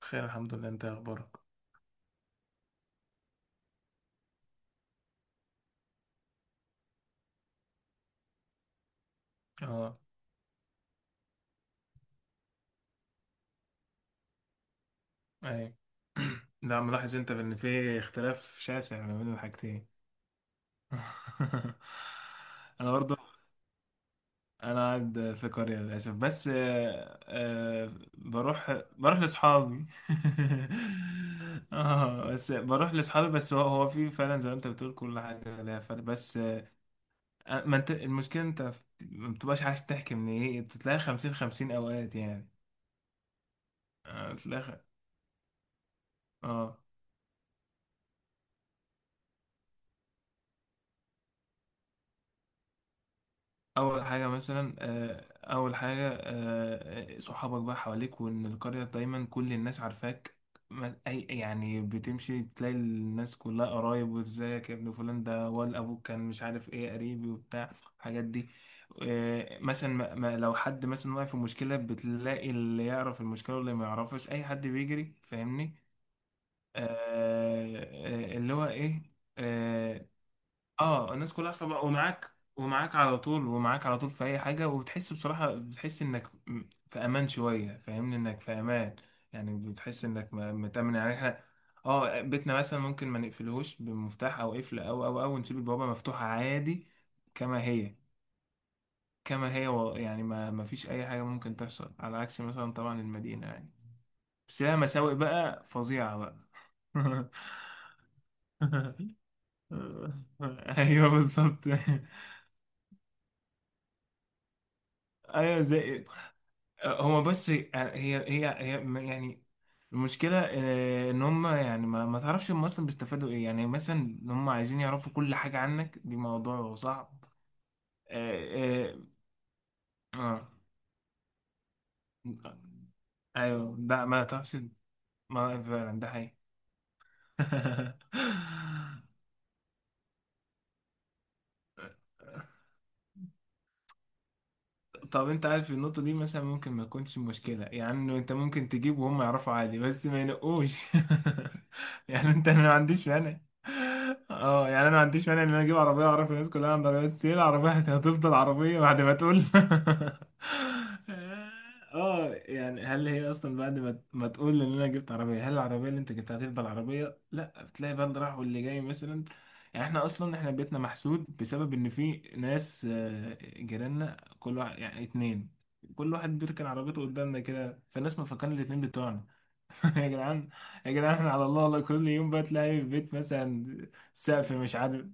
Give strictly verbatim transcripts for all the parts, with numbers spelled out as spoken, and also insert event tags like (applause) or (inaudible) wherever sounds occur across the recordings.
خير الحمد لله، انت إيه اخبارك؟ اه. اي. (clears throat) لا ملاحظ انت ان في اختلاف شاسع ما بين الحاجتين؟ (laughs) انا برضو انا قاعد في قرية للاسف بس آه، آه، بروح بروح لاصحابي. (laughs) اه بس بروح لاصحابي، بس هو هو في فعلا زي ما انت بتقول كل حاجة ليها فرق، بس آه، ما انت المشكلة انت ما بتبقاش عايز تحكي، من ايه تلاقي خمسين خمسين اوقات يعني. آه، تلاقي خ- اه. اول حاجه مثلا آه، اول حاجه آه، صحابك بقى حواليك، وان القريه دايما كل الناس عارفاك. ما- اي يعني بتمشي تلاقي الناس كلها قرايب، وازيك يا ابن فلان، ده ولا ابوك، كان مش عارف ايه قريبي وبتاع الحاجات دي. آه، مثلا ما ما- لو حد مثلا واقع في مشكله، بتلاقي اللي يعرف المشكله واللي ما يعرفش، اي حد بيجري، فاهمني؟ آه، آه، اللي هو ايه. آه، اه الناس كلها خبر ومعاك، ومعاك على طول، ومعاك على طول في اي حاجه، وبتحس بصراحه، بتحس انك م- في امان شويه، فاهمني؟ انك في امان. يعني بتحس انك م- متامن. يعني احنا اه بيتنا مثلا ممكن ما نقفلهوش بمفتاح او قفل، او او او نسيب البوابه مفتوحه عادي، كما هي، كما هي و- يعني ما ما فيش اي حاجه ممكن تحصل، على عكس مثلا طبعا المدينه يعني، بس لها مساوئ بقى فظيعه بقى. (laughs) ايوه بالظبط. (laughs) ايوه زي هو بس آه، هي هي هي يعني المشكلة آه، إن هم يعني ما, ما تعرفش هم أصلا بيستفادوا إيه، يعني مثلا إن هم عايزين يعرفوا كل حاجة عنك، دي موضوع صعب. آه آه, آه آه، أيوه ده ما تعرفش، ما فعلا ده حقيقي. (laughs) طب انت عارف النقطة دي مثلا ممكن ما تكونش مشكلة، يعني انه انت ممكن تجيب وهم يعرفوا عادي بس ما ينقوش. (laughs) يعني انت، انا ما عنديش مانع. اه يعني انا ما عنديش مانع ان انا اجيب عربية واعرف الناس كلها عندها عربية، بس هي العربية (laughs) هتفضل عربية بعد ما تقول. (laughs) اه يعني هل هي اصلا بعد ما ما تقول ان انا جبت عربية، هل العربية اللي انت جبتها هتفضل عربية؟ لا بتلاقي بقى اللي راح واللي جاي مثلا. يعني احنا اصلا احنا بيتنا محسود، بسبب ان في ناس آه، جيراننا، كل واحد يعني اتنين، كل واحد بيركن عربيته قدامنا كده، فالناس مفكرين الاتنين بتوعنا. (laughs) يا جدعان، يا جدعان احنا على الله والله، كل يوم بقى تلاقي في البيت مثلا سقف مش عارف.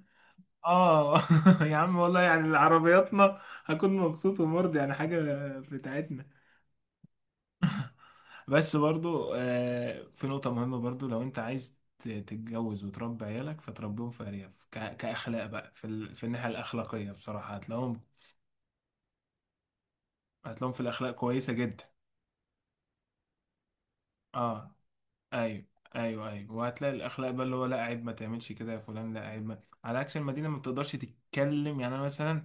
اه. (laughs) يا عم والله يعني عربياتنا هكون مبسوط ومرضي يعني حاجة بتاعتنا. بس برضو آه، في نقطة مهمة برضو، لو انت عايز ت- تتجوز وتربي عيالك، فتربيهم في أرياف ك- كأخلاق بقى، في, ال... في الناحية الأخلاقية بصراحة هتلاقيهم، هتلاقيهم في الأخلاق كويسة جدا. اه ايوه. ايوه ايوه وهتلاقي الاخلاق بقى، اللي هو لا عيب ما تعملش كده يا فلان، لا عيب ما. على عكس المدينه ما بتقدرش تتكلم. يعني انا مثلا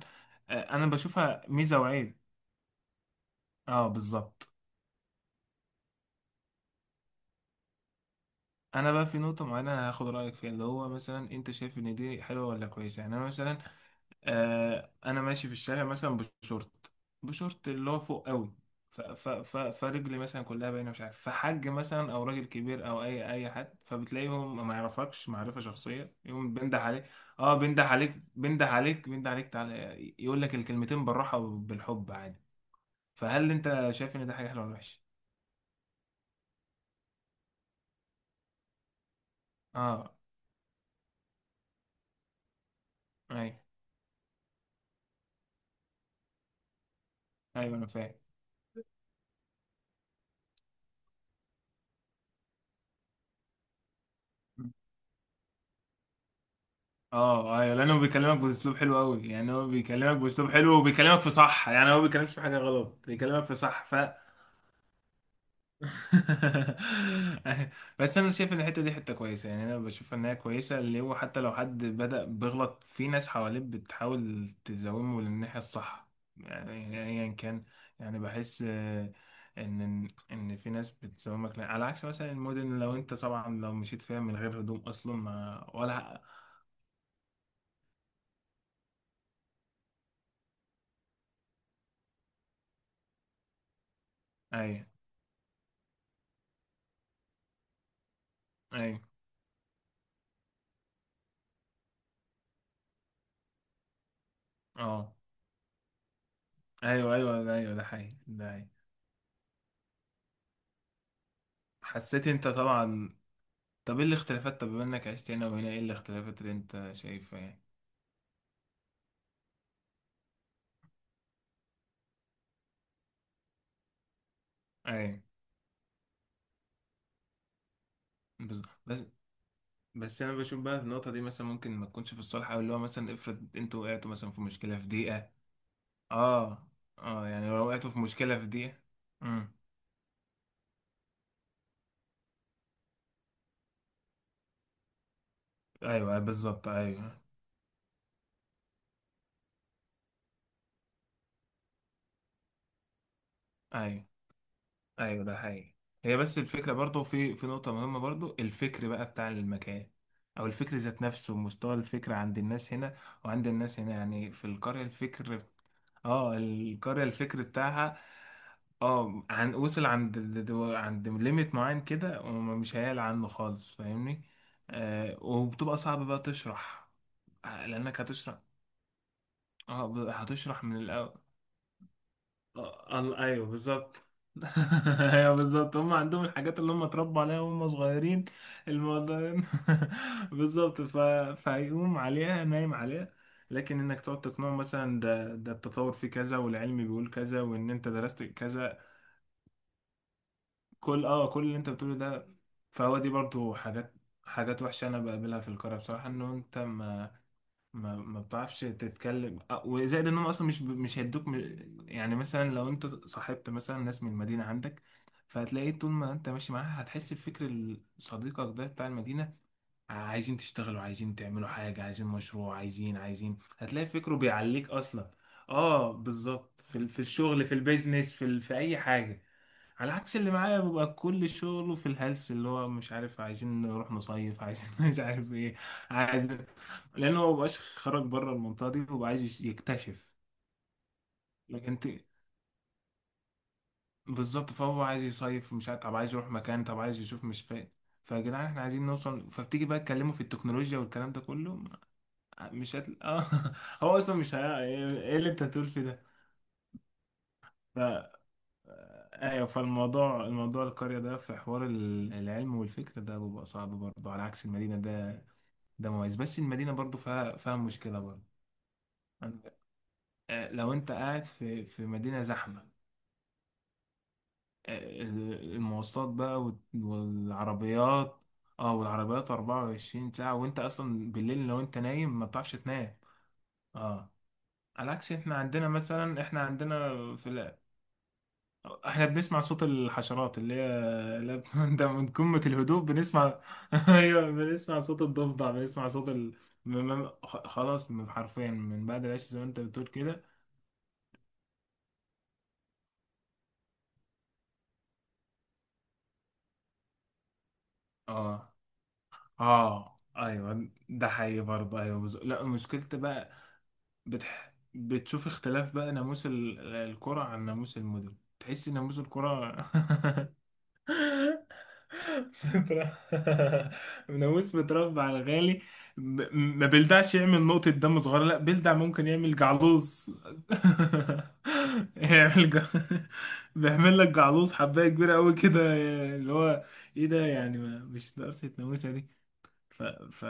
آه، انا بشوفها ميزه وعيب. اه بالظبط. انا بقى في نقطه معينه هاخد رايك فيها، اللي هو مثلا انت شايف ان دي حلوه ولا كويسه. يعني انا مثلا آه انا ماشي في الشارع مثلا بشورت بشورت اللي هو فوق قوي، ف ف ف فرجلي مثلا كلها باينه مش عارف، فحج مثلا او راجل كبير او اي اي حد، فبتلاقيهم ما يعرفكش معرفه شخصيه، يقوم بينده عليك. اه بينده عليك بينده عليك بينده عليك، تعالى يقول لك الكلمتين بالراحه وبالحب عادي. فهل انت شايف ان ده حاجه حلوه ولا وحشه؟ اه ايوه، ايوه انا فاهم. اه ايوه لانه بيكلمك باسلوب حلو قوي، يعني هو بيكلمك باسلوب حلو وبيكلمك في صح، يعني هو ما بيكلمش في حاجه غلط، بيكلمك في صح ف. (laughs) بس انا شايف ان الحته دي حته كويسه، يعني انا بشوف ان هي كويسه، اللي هو حتى لو حد بدأ بيغلط، في ناس حواليه بتحاول تزومه للناحيه الصح، يعني ايا كان. يعني بحس آه، ان ان في ناس بتزومك لا، على عكس مثلا المدن، لو انت طبعا لو مشيت فيها من غير هدوم اصلا ما ولا اي اي اه. ايوه ايوه ده ايوه، ده حقيقي ده حقيقي. حسيت انت طبعا. طب ايه الاختلافات، طب بما انك عشت هنا وهنا، ايه الاختلافات اللي انت شايفها يعني؟ ايوه. بس بس بس انا بشوف بقى في النقطه دي مثلا ممكن ما تكونش في الصالح، او اللي هو مثلا افرض انتوا وقعتوا مثلا في مشكله في دقيقه. اه اه يعني لو وقعتوا في مشكله في دقيقه. امم ايوه، أيوه بالظبط، ايوه. ايوه ايوه ده حقيقي. هي بس الفكره برضه، في في نقطه مهمه برضه، الفكر بقى بتاع المكان، او الفكر ذات نفسه، مستوى الفكر عند الناس هنا وعند الناس هنا. يعني في القريه الفكر. اه القريه الفكر بتاعها اه، عن وصل عند ال- دو- عند ليميت معين كده، ومش هيعلى عنه خالص، فاهمني؟ آه وبتبقى صعب بقى تشرح. آه، لانك هتشرح. اه ب- هتشرح من الاول. آه، ال- ايوه بالظبط. (laughs) ايوه بالظبط، هم عندهم الحاجات اللي هم اتربوا عليها وهم صغيرين. الموضوع (laughs) بالظبط ف... فهيقوم عليها نايم عليها، لكن انك تقعد تقنعه مثلا ده ده التطور في كذا، والعلم بيقول كذا، وان انت درست كذا، كل اه كل اللي انت بتقوله ده. فهو دي برضو حاجات، حاجات وحشة انا بقابلها في القرى بصراحة، انه انت ما ما ما بتعرفش تتكلم أ- وزائد انهم اصلا مش ب- مش هيدوك م- يعني مثلا لو انت صاحبت مثلا ناس من المدينه عندك، فهتلاقي طول ما انت ماشي معاها، هتحس بفكر ال- صديقك ده بتاع المدينه. عايزين تشتغلوا، عايزين تعملوا حاجه، عايزين مشروع، عايزين عايزين هتلاقي فكره بيعليك اصلا. اه بالظبط في ال- في الشغل، في البيزنس، في ال- في اي حاجه. على عكس اللي معايا، بيبقى كل شغله في الهلس، اللي هو مش عارف عايزين نروح نصيف، عايزين (laughs) مش عارف ايه، عايز. لان هو مبقاش خرج بره المنطقه دي، وبقى عايز يكتشف. لكن انت بالظبط، فهو عايز يصيف مش عارف، طب عايز يروح مكان، طب عايز يشوف مش فاهم، فيا جدعان احنا عايزين نوصل. فبتيجي بقى تكلمه في التكنولوجيا والكلام ده كله، مش هتل... (laughs) اه. هو اصلا مش هي... ايه اللي انت هتقول في ده. ايوه، فالموضوع، الموضوع القرية ده في حوار ال- العلم والفكر ده بيبقى صعب برضه، على عكس المدينة ده، ده مميز. بس المدينة برضه فيها، فيها مشكلة برضه عن- آه، لو انت قاعد في في مدينة زحمة آه، المواصلات بقى وال- والعربيات. اه والعربيات اربعة وعشرين ساعة، وانت اصلا بالليل لو انت نايم ما بتعرفش تنام. اه على عكس احنا عندنا مثلا، احنا عندنا في ال- احنا بنسمع صوت الحشرات اللي هي، اللي هي (laughs) ده من قمة الهدوء بنسمع. (laughs) ايوه بنسمع صوت الضفدع، بنسمع صوت ال... م- م- خ- خلاص من- حرفيا من بعد العيش زي ما انت بتقول كده. اه اه ايوه ده حقيقي برضه، ايوه بز... لا مشكلتي بقى. بتح... بتشوف اختلاف بقى ناموس ال- القرى عن ناموس المدن، تحس إن ناموس القرى. (laughs) (laughs) ناموس متربع على غالي. ب- ما بيلدعش يعمل نقطة دم صغيرة، لا بيلدع ممكن يعمل جعلوص. (laughs) يعمل جع... بيعمل لك جعلوص حباية كبيرة قوي كده، اللي هو ايه ده، يعني ما مش ناقصة ناموسة دي. ف ف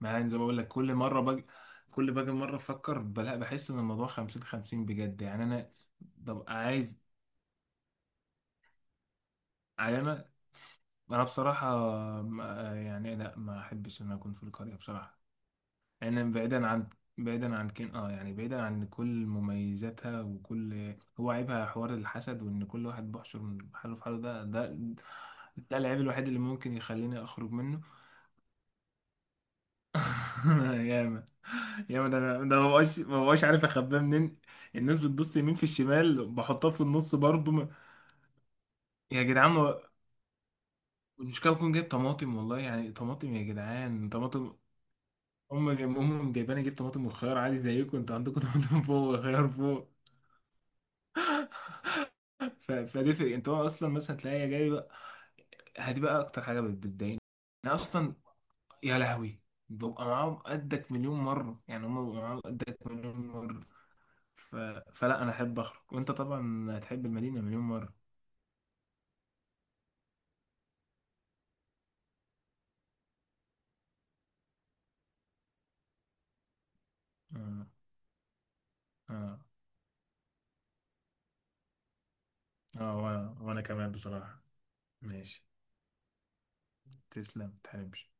ما يعني زي ما بقول لك كل مرة باجي، كل باجي مرة افكر بلا، بحس ان الموضوع خمسين خمسين بجد، يعني انا ببقى عايز. يعني انا انا بصراحة ما- يعني لا، ما احبش ان أنا اكون في القرية بصراحة. انا بعيدا عن، بعيدا عن كين، اه يعني بعيدا عن كل مميزاتها، وكل هو عيبها حوار الحسد، وان كل واحد بحشر من حاله في حاله، ده ده ده العيب الوحيد اللي ممكن يخليني اخرج منه. (laughs) ياما. ياما ده أنا- ده ما بقاش ما بقاش عارف اخباه منين، الناس بتبص يمين في الشمال، بحطها في النص برضه ما- يا جدعان ما- المشكله بكون جايب طماطم والله، يعني طماطم، يا جدعان طماطم، هم جايب امهم جايباني، جبت طماطم وخيار عادي زيكم انتوا عندكم. (laughs) طماطم فوق وخيار فوق. ف- فده في انت، هو اصلا مثلا تلاقيها جاي بقى، هدي بقى اكتر حاجه بت- بتضايقني. انا اصلا، يا لهوي ببقى معاهم قدك مليون مره، يعني هم بيبقوا معاهم قدك مليون مره ف... فلا انا احب اخرج، وانت طبعا هتحب المدينه مليون مره. اه. اه, آه وأنا... وانا كمان بصراحه. ماشي، تسلم متحرمش.